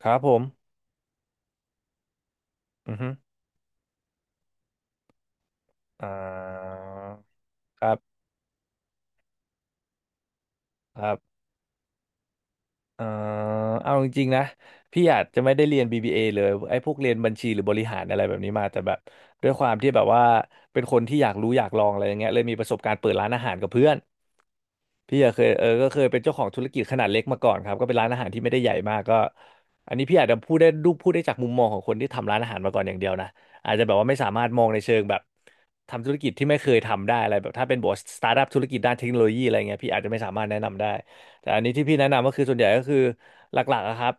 ครับผมอือฮึอ่าครับครับเอ่อเอาจริงๆนะ พี่อาจจะไม่ได้เรียน BBA เอเลยไอ้พวกเรียนบัญชีหรือบริหารอะไรแบบนี้มาแต่แบบด้วยความที่แบบว่าเป็นคนที่อยากรู้อยากลองอะไรอย่างเงี้ยเลยมีประสบการณ์เปิดร้านอาหารกับเพื่อน พี่อะเคยเออก็เคยเป็นเจ้าของธุรกิจขนาดเล็กมาก่อนครับก็เป็นร้านอาหารที่ไม่ได้ใหญ่มากก็อันนี้พี่อาจจะพูดได้ดูพูดได้จากมุมมองของคนที่ทำร้านอาหารมาก่อนอย่างเดียวนะอาจจะแบบว่าไม่สามารถมองในเชิงแบบทำธุรกิจที่ไม่เคยทำได้อะไรแบบถ้าเป็นบอสสตาร์ทอัพธุรกิจด้านเทคโนโลยีอะไรเงี้ยพี่อาจจะไม่สามารถแนะนำได้แต่อันนี้ที่พี่แนะนำก็คือส่วนใหญ่ก็คือหลักๆอะครับ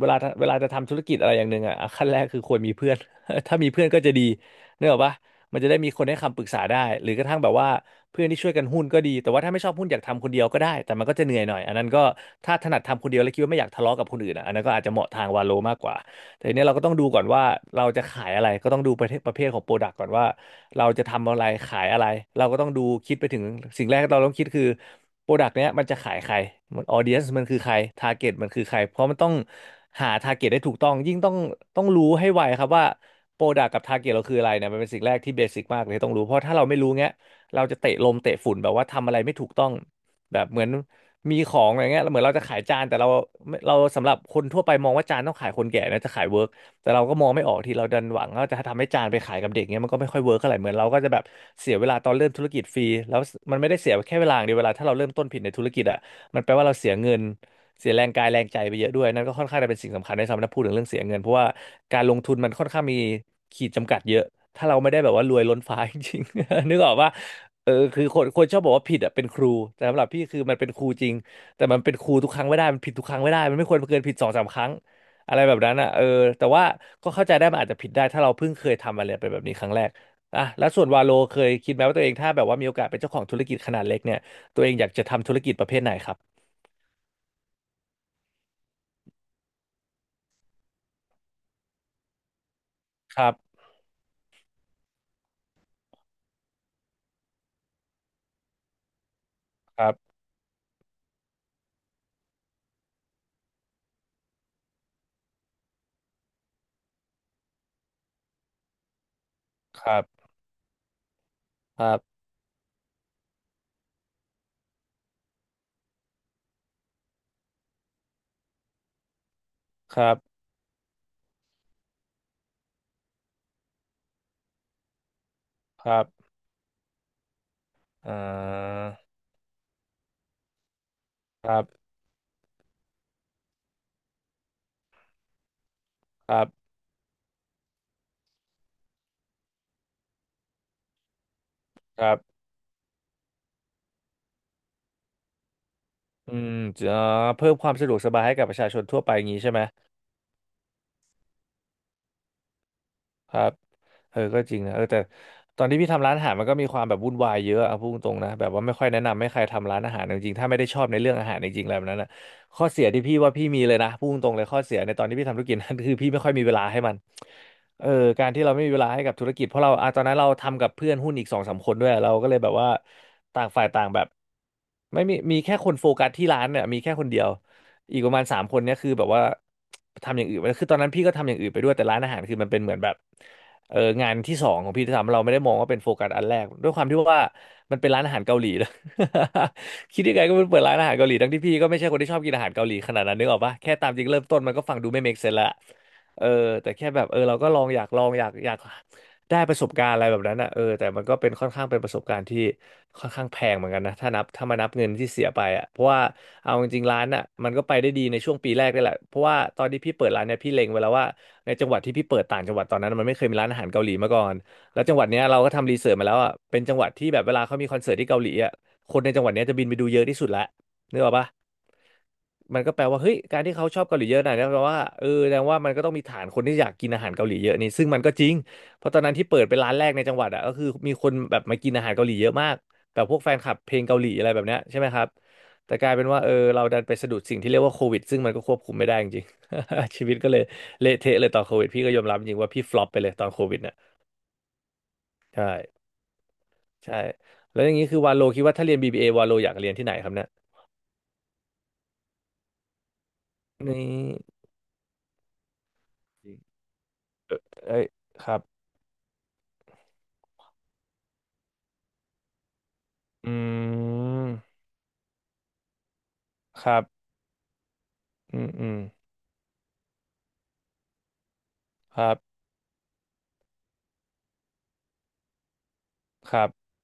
เวลาจะทำธุรกิจอะไรอย่างหนึ่งอะขั้นแรกคือควรมีเพื่อน ถ้ามีเพื่อนก็จะดี นึกออกปะ มันจะได้มีคนให้คำปรึกษาได้หรือกระทั่งแบบว่าเพื่อนที่ช่วยกันหุ้นก็ดีแต่ว่าถ้าไม่ชอบหุ้นอยากทำคนเดียวก็ได้แต่มันก็จะเหนื่อยหน่อยอันนั้นก็ถ้าถนัดทำคนเดียวแล้วคิดว่าไม่อยากทะเลาะกับคนอื่นอะอันนั้นก็อาจจะเหมาะทางวาโลมากกว่าแต่ทีเนี้ยเราก็ต้องดูก่อนว่าเราจะขายอะไรก็ต้องดูประเภทของโปรดักต์ก่อนว่าเราจะทำอะไรขายอะไรเราก็ต้องดูคิดไปถึงสิ่งแรกที่เราต้องคิดคือโปรดักต์เนี้ยมันจะขายใครมันออเดียนมันคือใครทาร์เก็ตมันคือใครเพราะมันต้องหาทาร์เก็ตได้ถูกต้องยิ่งต้องรู้ให้ไวครับว่า โปรดักกับทาร์เก็ตเราคืออะไรเนี่ยมันเป็นสิ่งแรกที่เบสิกมากเลยต้องรู้เพราะถ้าเราไม่รู้เงี้ยเราจะเตะลมเตะฝุ่นแบบว่าทำอะไรไม่ถูกต้องแบบเหมือนมีของอะไรเงี้ยเหมือนเราจะขายจานแต่เราสำหรับคนทั่วไปมองว่าจานต้องขายคนแก่นะจะขายเวิร์กแต่เราก็มองไม่ออกที่เราดันหวังว่าจะทำให้จานไปขายกับเด็กเงี้ยมันก็ไม่ค่อยเวิร์กเท่าไหร่เหมือนเราก็จะแบบเสียเวลาตอนเริ่มธุรกิจฟรีแล้วมันไม่ได้เสียแค่เวลาอย่างเดียวเวลาถ้าเราเริ่มต้นผิดในธุรกิจอ่ะมันแปลว่าเราเสียเงิน เสียแรงกายแรงใจไปเยอะด้วยนั่นก็ค่อนข้างจะเป็นสิ่งสำคัญในสำหรับพูดถึงเรื่องเสียเงินเพราะว่าการลงทุนมันค่อนข้างมีขีดจำกัดเยอะถ้าเราไม่ได้แบบว่ารวยล้นฟ้าจริงๆ นึกออกว่าเออคือคนชอบบอกว่าผิดอ่ะเป็นครูแต่สำหรับพี่คือมันเป็นครูจริงแต่มันเป็นครูทุกครั้งไม่ได้มันผิดทุกครั้งไม่ได้มันไม่ควรเกินผิดสองสามครั้งอะไรแบบนั้นอ่ะเออแต่ว่าก็เข้าใจได้มันอาจจะผิดได้ถ้าเราเพิ่งเคยทำอะไรเป็นแบบนี้ครั้งแรกอ่ะแล้วส่วนวาโลเคยคิดไหมว่าตัวเองถ้าแบบว่ามีโอกาสเป็นเจ้าของธุรกิจขนาดเล็กเนี่ยตัวเองอยากจะทำธุรกิจประเภทไหนครับครับครับ ครับ ครับ ครับ ครับอ่าครับ ครับ ครับอืมจะเพิ่มความสะดวกสบายให้กับประชาชนทั่วไปอย่างนี้ใช่ไหมครับ เออก็จริงนะเออแต่ตอนที่พี่ทำร้านอาหารมันก็มีความแบบวุ่นวายเยอะเอาพูดตรงๆนะแบบว่าไม่ค่อยแนะนำให้ใครทำร้านอาหารจริงๆถ้าไม่ได้ชอบในเรื่องอาหารจริงๆแล้วแบบนั้นนะข้อเสียที่พี่ว่าพี่มีเลยนะพูดตรงๆเลยข้อเสียในตอนที่พี่ทำธุรกิจนัน คือพี่ไม่ค่อยมีเวลาให้มันเออการที่เราไม่มีเวลาให้กับธุรกิจเพราะเราอ่ะตอนนั้นเราทำกับเพื่อนหุ้นอีกสองสามคนด้วยเราก็เลยแบบว่าต่างฝ่ายต่างแบบไม่มีมีแค่คนโฟกัสที่ร้านเนี่ยมีแค่คนเดียวอีกประมาณสามคนเนี่ยคือแบบว่าทำอย่างอื่นไปแล้วคือตอนนั้นพี่ก็ทำอย่างอื่นไปด้วยแต่ร้านอาหารคือมันเป็นเหมือนแบบ งานที่สองของพี่ที่ทำเราไม่ได้มองว่าเป็นโฟกัสอันแรกด้วยความที่ว่ามันเป็นร้านอาหารเกาหลีนะ คิดยังไงก็เปิดร้านอาหารเกาหลีทั้งที่พี่ก็ไม่ใช่คนที่ชอบกินอาหารเกาหลีขนาดนั้นนึกออกปะแค่ตามจริงเริ่มต้นมันก็ฟังดูไม่ make sense ละเออแต่แค่แบบเราก็ลองอยากลองอยากได้ประสบการณ์อะไรแบบนั้นอ่ะแต่มันก็เป็นค่อนข้างเป็นประสบการณ์ที่ค่อนข้างแพงเหมือนกันนะถ้ามานับเงินที่เสียไปอ่ะเพราะว่าเอาจริงๆร้านอ่ะมันก็ไปได้ดีในช่วงปีแรกได้แหละเพราะว่าตอนที่พี่เปิดร้านเนี่ยพี่เล็งไว้แล้วว่า ในจังหวัดที่พี่เปิดต่างจังหวัดตอนนั้นมันไม่เคยมีร้านอาหารเกาหลีมาก่อนแล้วจังหวัดเนี้ยเราก็ทำรีเสิร์ชมาแล้วอ่ะเป็นจังหวัดที่แบบเวลาเขามีคอนเสิร์ตที่เกาหลีอ่ะคนในจังหวัดเนี้ยจะบินไปดูเยอะที่สุดละนึกออกปะมันก็แปลว่าเฮ้ยการที่เขาชอบเกาหลีเยอะหนอยนะแปลว่าแสดงว่ามันก็ต้องมีฐานคนที่อยากกินอาหารเกาหลีเยอะนี่ซึ่งมันก็จริงเพราะตอนนั้นที่เปิดเป็นร้านแรกในจังหวัดอ่ะก็คือมีคนแบบมากินอาหารเกาหลีเยอะมากแบบพวกแฟนคลับเพลงเกาหลีอะไรแบบเนี้ยใช่ไหมครับแต่กลายเป็นว่าเราดันไปสะดุดสิ่งที่เรียกว่าโควิดซึ่งมันก็ควบคุมไม่ได้จริงๆ ชีวิตก็เลย เละเทะเลยตอนโควิดพี่ก็ยอมรับจริงว่าพี่ฟลอปไปเลยตอนโควิดเนี่ยใช่ใช่แล้วอย่างนี้คือวาโลคิดว่าถ้าเรียน BBA วาโลอยากเรียนที่ไหนครับเนี่ยนี่เอ้ยครับอืมครับอืมอืมครับครับ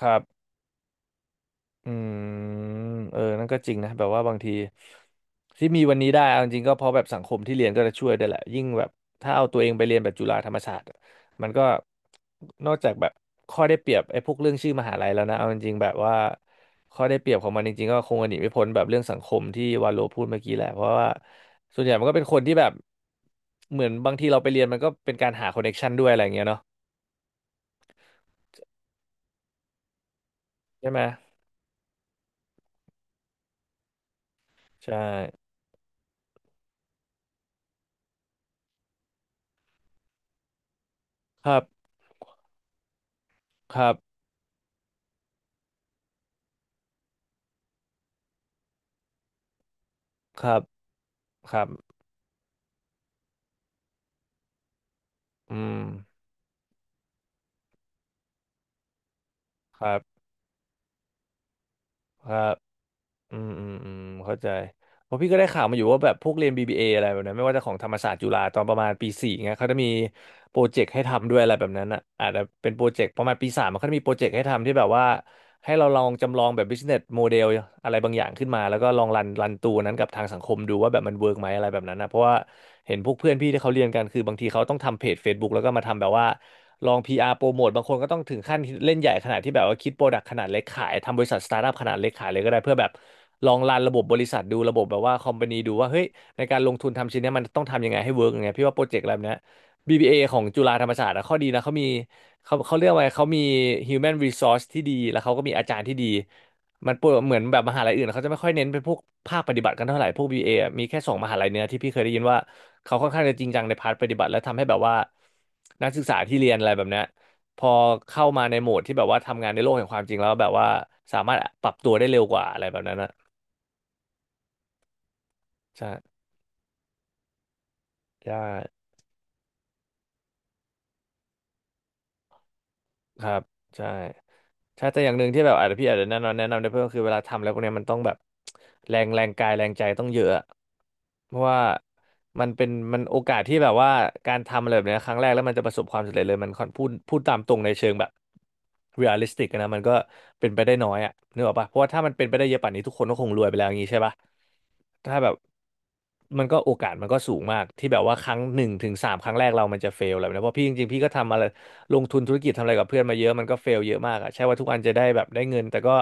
ครับ อืมนั่นก็จริงนะแบบว่าบางทีที่มีวันนี้ได้เอาจริงๆก็เพราะแบบสังคมที่เรียนก็จะช่วยได้วยแหละยิ่งแบบถ้าเอาตัวเองไปเรียนแบบจุฬาธรรมศาสตร์อะมันก็นอกจากแบบข้อได้เปรียบไอ้พวกเรื่องชื่อมหาลัยแล้วนะเอาจริงๆแบบว่าข้อได้เปรียบของมันจริงๆก็คงหนีไม่พ้นแบบเรื่องสังคมที่วาโลพูดเมื่อกี้แหละเพราะว่าส่วนใหญ่มันก็เป็นคนที่แบบเหมือนบางทีเราไปเรียนมันก็เป็นการหาคอนเนคชันด้วยอะไรอย่างเงี้ยเนาะใช่ไหมใช่ครับครับครับครับอืม ครับครับอืมอืมอืมเข้าใจเพราะพี่ก็ได้ข่าวมาอยู่ว่าแบบพวกเรียน BBA ออะไรแบบนั้นไม่ว่าจะของธรรมศาสตร์จุฬาตอนประมาณปีสี่เงี้ยเขาจะมีโปรเจกต์ให้ทำด้วยอะไรแบบนั้นอ่ะอาจจะเป็นโปรเจกต์ประมาณปีสามมันก็จะมีโปรเจกต์ให้ทำที่แบบว่า ให้เราลองจำลองแบบ business model อะไรบางอย่างขึ้นมาแล้วก็ลองรันตัวนั้นกับทางสังคมดูว่าแบบมันเวิร์กไหมอะไรแบบนั้นนะเพราะว่าเห็นพวกเพื่อนพี่ที่เขาเรียนกันคือบางทีเขาต้องทำเพจ Facebook แล้วก็มาทำแบบว่าลอง PR โปรโมทบางคนก็ต้องถึงขั้นเล่นใหญ่ขนาดที่แบบว่าคิดโปรดักต์ขนาดเล็กขายทำบริษัทสตาร์ทอัพขนาดเล็กขายเลยก็ได้เพื่อแบบลองรันระบบบริษัทดูระบบแบบว่าคอมพานีดูว่าเฮ้ยในการลงทุนทำชิ้นเนี้ยมันต้องทำยังไงให้เวิร์กยังไงพี่ว่าโปรเจกต์แบบเนี้ย BBA ของจุฬาธรรมศาสตร์อะข้อดีนะเขามีเขาเรียกว่าไงเขามี human resource ที่ดีแล้วเขาก็มีอาจารย์ที่ดีมันปวดเหมือนแบบมหาลัยอื่นเขาจะไม่ค่อยเน้นเป็นพวกภาคปฏิบัติกันเท่าไหร่พวก BBA ออะมีแค่สองมหาลัยเนี้ยที่พี่เคยได้ยินว่าเขาค่อนข้างจะจริงจังในพาร์ทปฏิบัติและทำให้แบบว่านักศึกษาที่เรียนอะไรแบบเนี้ยพอเข้ามาในโหมดที่แบบว่าทำงานในโลกแห่งความจริงแล้วแบบว่าสามารถปรับตัวได้เร็วกว่าอะไรแบบนั้นอะใช่ใช่ ครับใช่ใช่แต่อย่างหนึ่งที่แบบอาจจะแนะนำได้เพิ่มคือเวลาทำแล้วพวกเนี้ยมันต้องแบบ แรงแรงกายแรงใจต้องเยอะอะเพราะว่ามันเป็นมันโอกาสที่แบบว่าการทำอะไรแบบเนี้ยครั้งแรกแล้วมันจะประสบความสำเร็จเลยมันค่อนพูดพูดตามตรงในเชิงแบบเรียลลิสติกนะมันก็เป็นไปได้น้อยอะนึกออกปะเพราะว่าถ้ามันเป็นไปได้เยอะป่านนี้ทุกคนก็คงรวยไปแล้วอย่างงี้ใช่ปะถ้าแบบ มันก็โอกาสมันก็สูงมากที่แบบว่าครั้งหนึ่งถึงสามครั้งแรกเรามันจะเฟลอะไรแบบนี้เพราะพี่จริงๆพี่ก็ทำอะไรลงทุนธุรกิจทำอะไรกับเพื่อนมาเยอะมันก็เฟลเยอะมากอะใช่ว่าทุกอันจะได้แบบได้เงินแต่ก็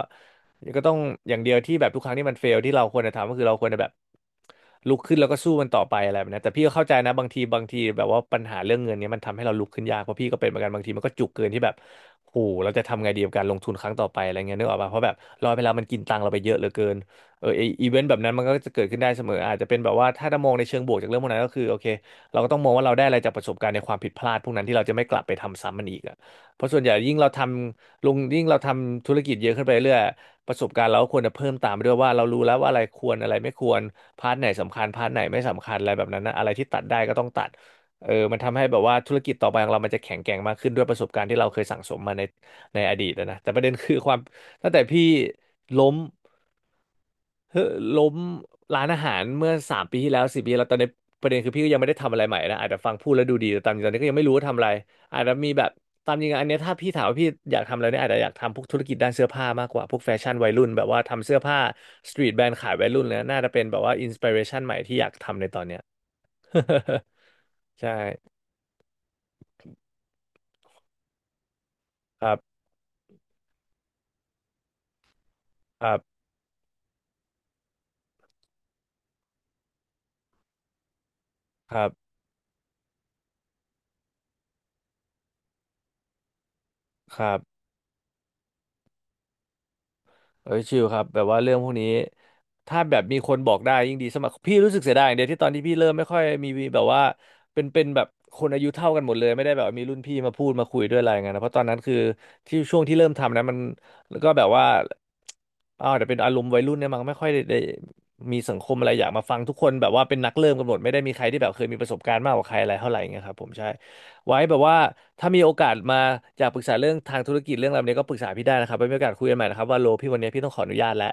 ก็ต้องอย่างเดียวที่แบบทุกครั้งที่มันเฟลที่เราควรจะทำก็คือเราควรจะแบบลุกขึ้นแล้วก็สู้มันต่อไปอะไรแบบนี้แต่พี่ก็เข้าใจนะบางทีแบบว่าปัญหาเรื่องเงินเนี้ยมันทำให้เราลุกขึ้นยากเพราะพี่ก็เป็นเหมือนกันบางทีมันก็จุกเกินที่แบบโหเราจะทำไงดีกับการลงทุนครั้งต่อไปอะไรเงี้ยนึกออกป่ะเพราะแบบรอยไปแล้วมันกินตังค์เราไปเยอะเหลือเกิน เออไออีเวนต์แบบนั้นมันก็จะเกิดขึ้นได้เสมออาจจะเป็นแบบว่าถ้าจะมองในเชิงบวกจากเรื่องพวกนั้นก็คือโอเคเราก็ต้องมองว่าเราได้อะไรจากประสบการณ์ในความผิดพลาดพวกนั้นที่เราจะไม่กลับไปทำซ้ำมันอีกอ่ะเพราะส่วนใหญ่ยิ่งเราทำลงยิ่งเราทำธุรกิจเยอะขึ้นไปเรื่อยประสบการณ์เราก็ควรจะเพิ่มตามไปด้วยว่าเรารู้แล้วว่าอะไรควรอะไรไม่ควรพาร์ทไหนสำคัญพาร์ทไหนไม่สำคัญอะไรแบบนั้นนะอะไรที่ตัดได้ก็ต้องตัดเออมันทำให้แบบว่าธุรกิจต่อไปของเรามันจะแข็งแกร่งมากขึ้นด้วยประสบการณ์ที่เราเคยสั่งสมมาในอดีตอะนะแต่ประเด็นคือความตั้งแต่พี่ล้ม เฮ้อล้มร้านอาหารเมื่อสามปีที่แล้วสี่ปีแล้วตอนนี้ประเด็นคือพี่ก็ยังไม่ได้ทำอะไรใหม่นะอาจจะฟังพูดแล้วดูดีแต่ตามจริงตอนนี้ก็ยังไม่รู้ว่าทำอะไรอาจจะมีแบบตามจริงอันเนี้ยถ้าพี่ถามว่าพี่อยากทำอะไรเนี่ยอาจจะอยากทำพวกธุรกิจด้านเสื้อผ้ามากกว่าพวกแฟชั่นวัยรุ่นแบบว่าทำเสื้อผ้าสตรีทแบรนด์ขายวัยรุ่นเลยนะน่าจะเป็นแบบว่าอินสปิเรชันใหม่ที่อยากทำในตอนเนี้ย ใช่ครับครับครับครับ เอ้ยชิลครับแบบว่าเรื่องพวกนี้ถ้าแบบมีคนบอกได้ยิ่งดีสมัครพี่รู้สึกเสียดายอย่างเดียวที่ตอนที่พี่เริ่มไม่ค่อยมีแบบว่าเป็นแบบคนอายุเท่ากันหมดเลยไม่ได้แบบว่ามีรุ่นพี่มาพูดมาคุยด้วยอะไรเงี้ยนะเพราะตอนนั้นคือที่ช่วงที่เริ่มทำนะมันแล้วก็แบบว่าอ้าวแต่เป็นอารมณ์วัยรุ่นเนี่ยมันไม่ค่อยได้มีสังคมอะไรอยากมาฟังทุกคนแบบว่าเป็นนักเริ่มกันหมดไม่ได้มีใครที่แบบเคยมีประสบการณ์มากกว่าใครอะไรเท่าไหร่เงี้ยครับผมใช่ ไว้แบบว่าถ้ามีโอกาสมาอยากปรึกษาเรื่องทางธุรกิจเรื่องอะไรแบบนี้ก็ปรึกษาพี่ได้นะครับไว้มีโอกาสคุยกันใหม่นะครับว่าโลพี่วันนี้พี่ต้องขออนุญาตแล้ว